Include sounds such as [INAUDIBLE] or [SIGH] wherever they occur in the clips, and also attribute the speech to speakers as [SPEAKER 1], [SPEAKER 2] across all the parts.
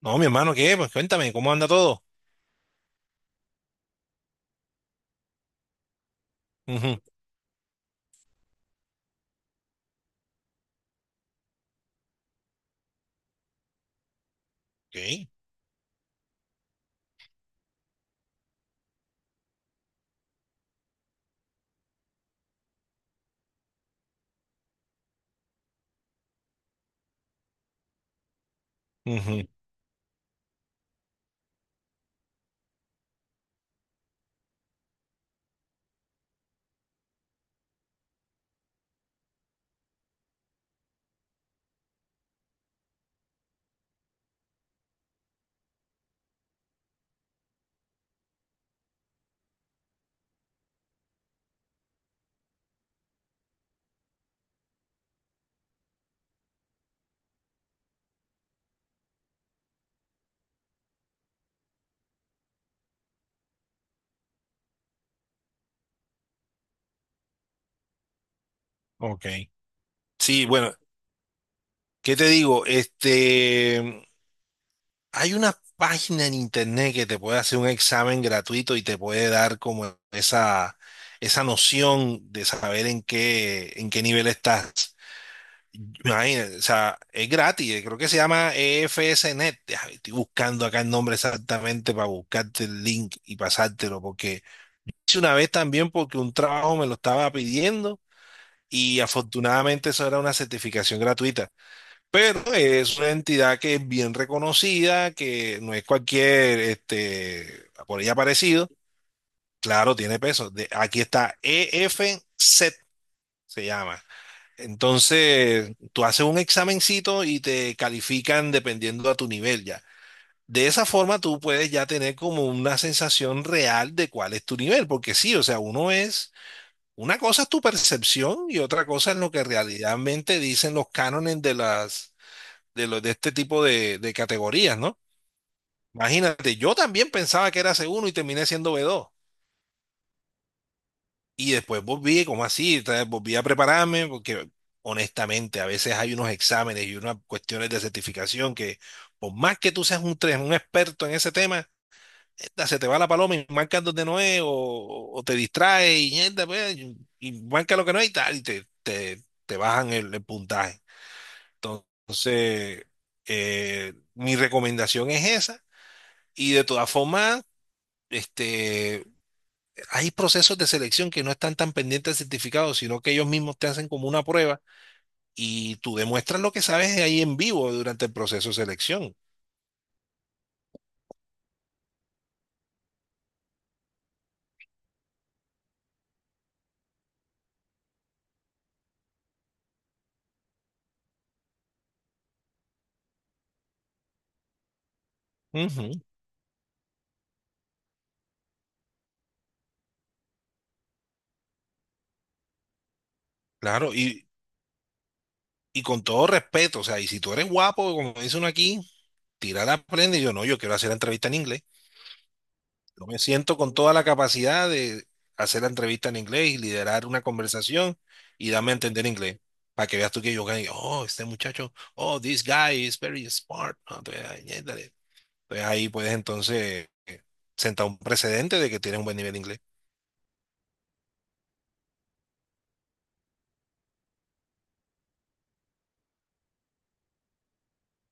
[SPEAKER 1] No, mi hermano, ¿qué? Pues cuéntame, ¿cómo anda todo? Ujú. Ok. Ujú. Ok. Sí, bueno, ¿qué te digo? Hay una página en internet que te puede hacer un examen gratuito y te puede dar como esa noción de saber en qué nivel estás. Imagínate, o sea, es gratis, creo que se llama EFSNet. Déjame. Estoy buscando acá el nombre exactamente para buscarte el link y pasártelo, porque hice una vez también porque un trabajo me lo estaba pidiendo. Y afortunadamente eso era una certificación gratuita. Pero es una entidad que es bien reconocida, que no es cualquier, por ella parecido. Claro, tiene peso. Aquí está EFCET, se llama. Entonces, tú haces un examencito y te califican dependiendo a tu nivel ya. De esa forma tú puedes ya tener como una sensación real de cuál es tu nivel, porque sí, o sea, uno es una cosa es tu percepción y otra cosa es lo que realmente dicen los cánones de las de los de este tipo de categorías, ¿no? Imagínate, yo también pensaba que era C1 y terminé siendo B2. Y después volví, ¿como así? Entonces, volví a prepararme porque honestamente a veces hay unos exámenes y unas cuestiones de certificación que por más que tú seas un experto en ese tema, se te va la paloma y marcas donde no es, o te distraes y, mierda, pues, y marca lo que no es y tal, y te bajan el puntaje. Entonces, mi recomendación es esa, y de todas formas, este, hay procesos de selección que no están tan pendientes del certificado, sino que ellos mismos te hacen como una prueba y tú demuestras lo que sabes ahí en vivo durante el proceso de selección. Ujú, claro, y con todo respeto, o sea, y si tú eres guapo, como dice uno aquí, tirar la prenda y yo no, yo quiero hacer la entrevista en inglés. Yo me siento con toda la capacidad de hacer la entrevista en inglés y liderar una conversación y darme a entender inglés. Para que veas tú que yo gané, oh, este muchacho, oh, "this guy is very smart". ¿No? Entonces, ay, ñéndale. Entonces, ahí puedes entonces sentar un precedente de que tienes un buen nivel de inglés.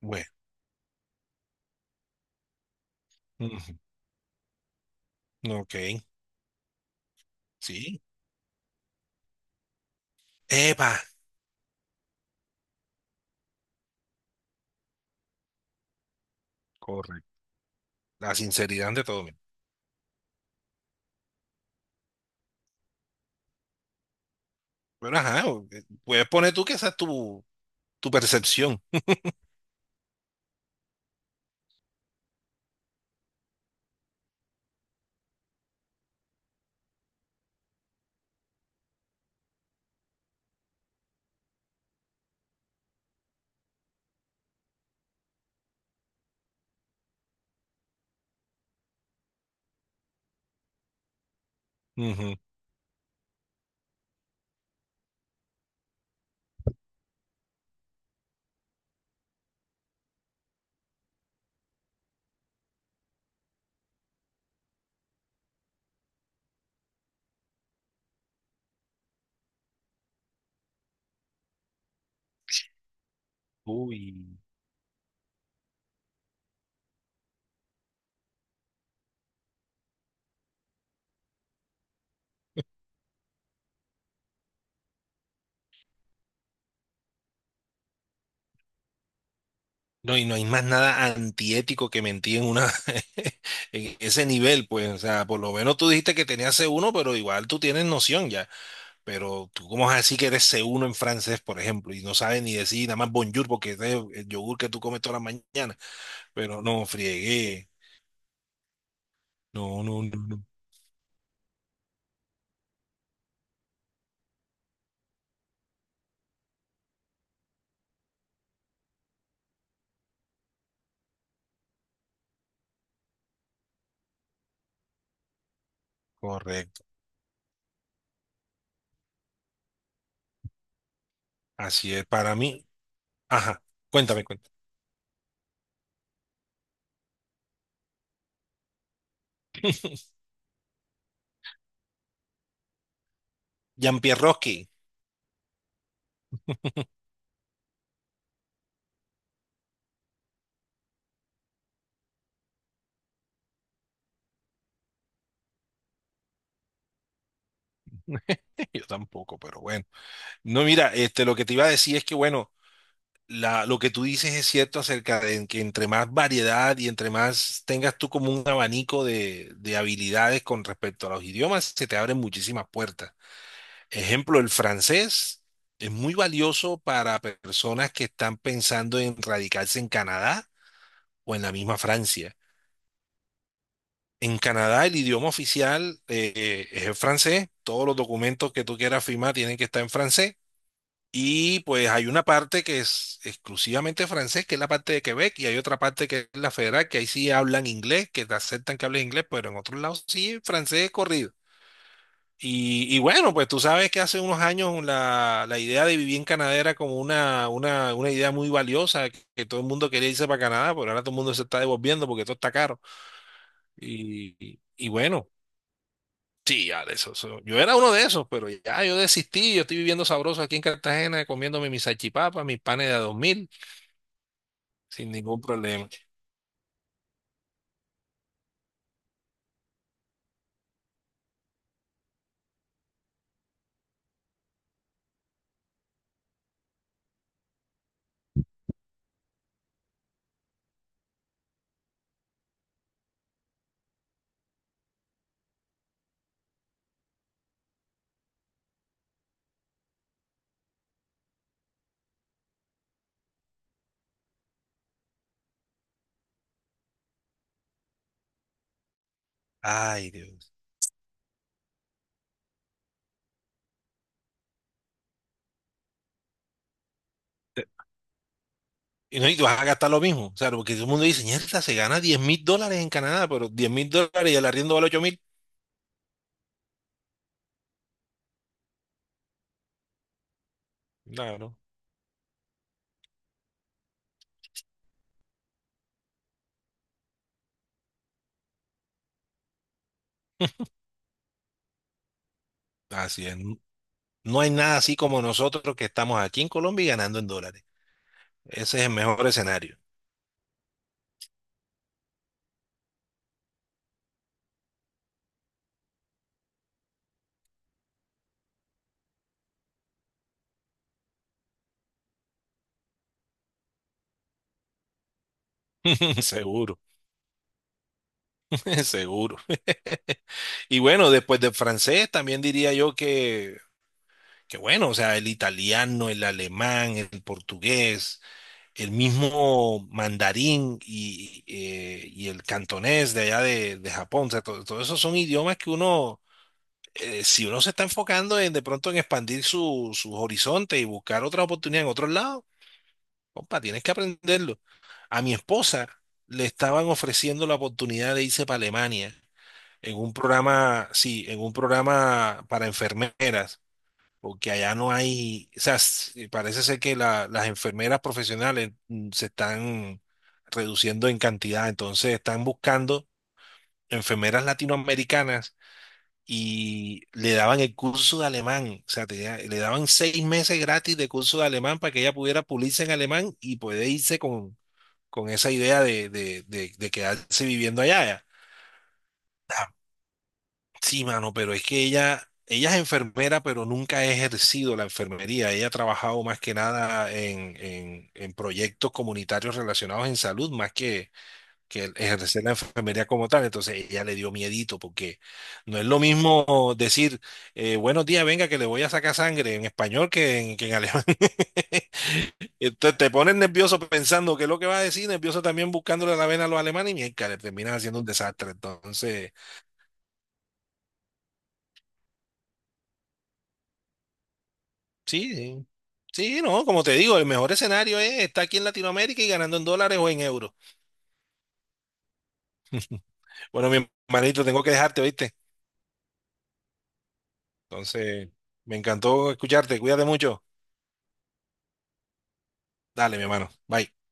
[SPEAKER 1] Bueno. Ujú. Ok. Sí. Epa. Correcto. La sinceridad de todo. Mira. Pero ajá, puedes poner tú que esa es tu, tu percepción. Ujú. No, y no hay más nada antiético que mentir en una [LAUGHS] en ese nivel, pues, o sea, por lo menos tú dijiste que tenías c uno, pero igual tú tienes noción ya, pero tú cómo vas a decir que eres c uno en francés, por ejemplo, y no sabes ni decir nada más bonjour porque ese es el yogur que tú comes toda la mañana, pero no, friegué, no, no, no, no, correcto, así es para mí, ajá, cuéntame, cuéntame. Jean-Pierre Roski. [LAUGHS] Yo tampoco, pero bueno. No, mira, lo que te iba a decir es que, bueno, lo que tú dices es cierto acerca de que entre más variedad y entre más tengas tú como un abanico de habilidades con respecto a los idiomas, se te abren muchísimas puertas. Ejemplo, el francés es muy valioso para personas que están pensando en radicarse en Canadá o en la misma Francia. En Canadá el idioma oficial es el francés, todos los documentos que tú quieras firmar tienen que estar en francés. Y pues hay una parte que es exclusivamente francés, que es la parte de Quebec, y hay otra parte que es la federal, que ahí sí hablan inglés, que te aceptan que hables inglés, pero en otros lados sí, francés corrido. Y bueno, pues tú sabes que hace unos años la idea de vivir en Canadá era como una idea muy valiosa, que todo el mundo quería irse para Canadá, pero ahora todo el mundo se está devolviendo porque todo está caro. Y bueno. Sí, ya, de eso, eso- Yo era uno de esos, pero ya yo desistí. Yo estoy viviendo sabroso aquí en Cartagena, comiéndome mis salchipapas, mis panes de a 2,000, sin ningún problema. Ay, Dios. Y no, y vas a gastar lo mismo. O sea, porque todo el mundo dice, "Mierda, se gana $10,000 en Canadá, pero $10,000 y el arriendo vale 8,000". Claro, así es. No hay nada así como nosotros que estamos aquí en Colombia y ganando en dólares. Ese es el mejor escenario. [LAUGHS] Seguro. [LAUGHS] Seguro. Y bueno, después del francés, también diría yo que qué bueno, o sea, el italiano, el alemán, el portugués, el mismo mandarín y el cantonés de allá de Japón, o sea, todo, esos son idiomas que uno, si uno se está enfocando en de pronto en expandir su, su horizonte y buscar otra oportunidad en otro lado, compa, tienes que aprenderlo. A mi esposa le estaban ofreciendo la oportunidad de irse para Alemania en un programa, sí, en un programa para enfermeras porque allá no hay, o sea, parece ser que las enfermeras profesionales mm, se están reduciendo en cantidad, entonces están buscando enfermeras latinoamericanas y le daban el curso de alemán, o sea, le daban 6 meses gratis de curso de alemán para que ella pudiera pulirse en alemán y poder irse con esa idea de quedarse viviendo allá. Sí, mano, pero es que ella es enfermera, pero nunca ha ejercido la enfermería. Ella ha trabajado más que nada en, en proyectos comunitarios relacionados en salud, más que el ejercer la enfermería como tal. Entonces ella le dio miedito, porque no es lo mismo decir, buenos días, venga, que le voy a sacar sangre en español que en alemán. [LAUGHS] Entonces te pones nervioso pensando qué es lo que va a decir, nervioso también buscándole la vena a los alemanes y mierda, le terminas haciendo un desastre. Entonces... Sí, sí. Sí, no, como te digo, el mejor escenario es estar aquí en Latinoamérica y ganando en dólares o en euros. Bueno, mi hermanito, tengo que dejarte, ¿oíste? Entonces, me encantó escucharte. Cuídate mucho. Dale, mi hermano. Bye.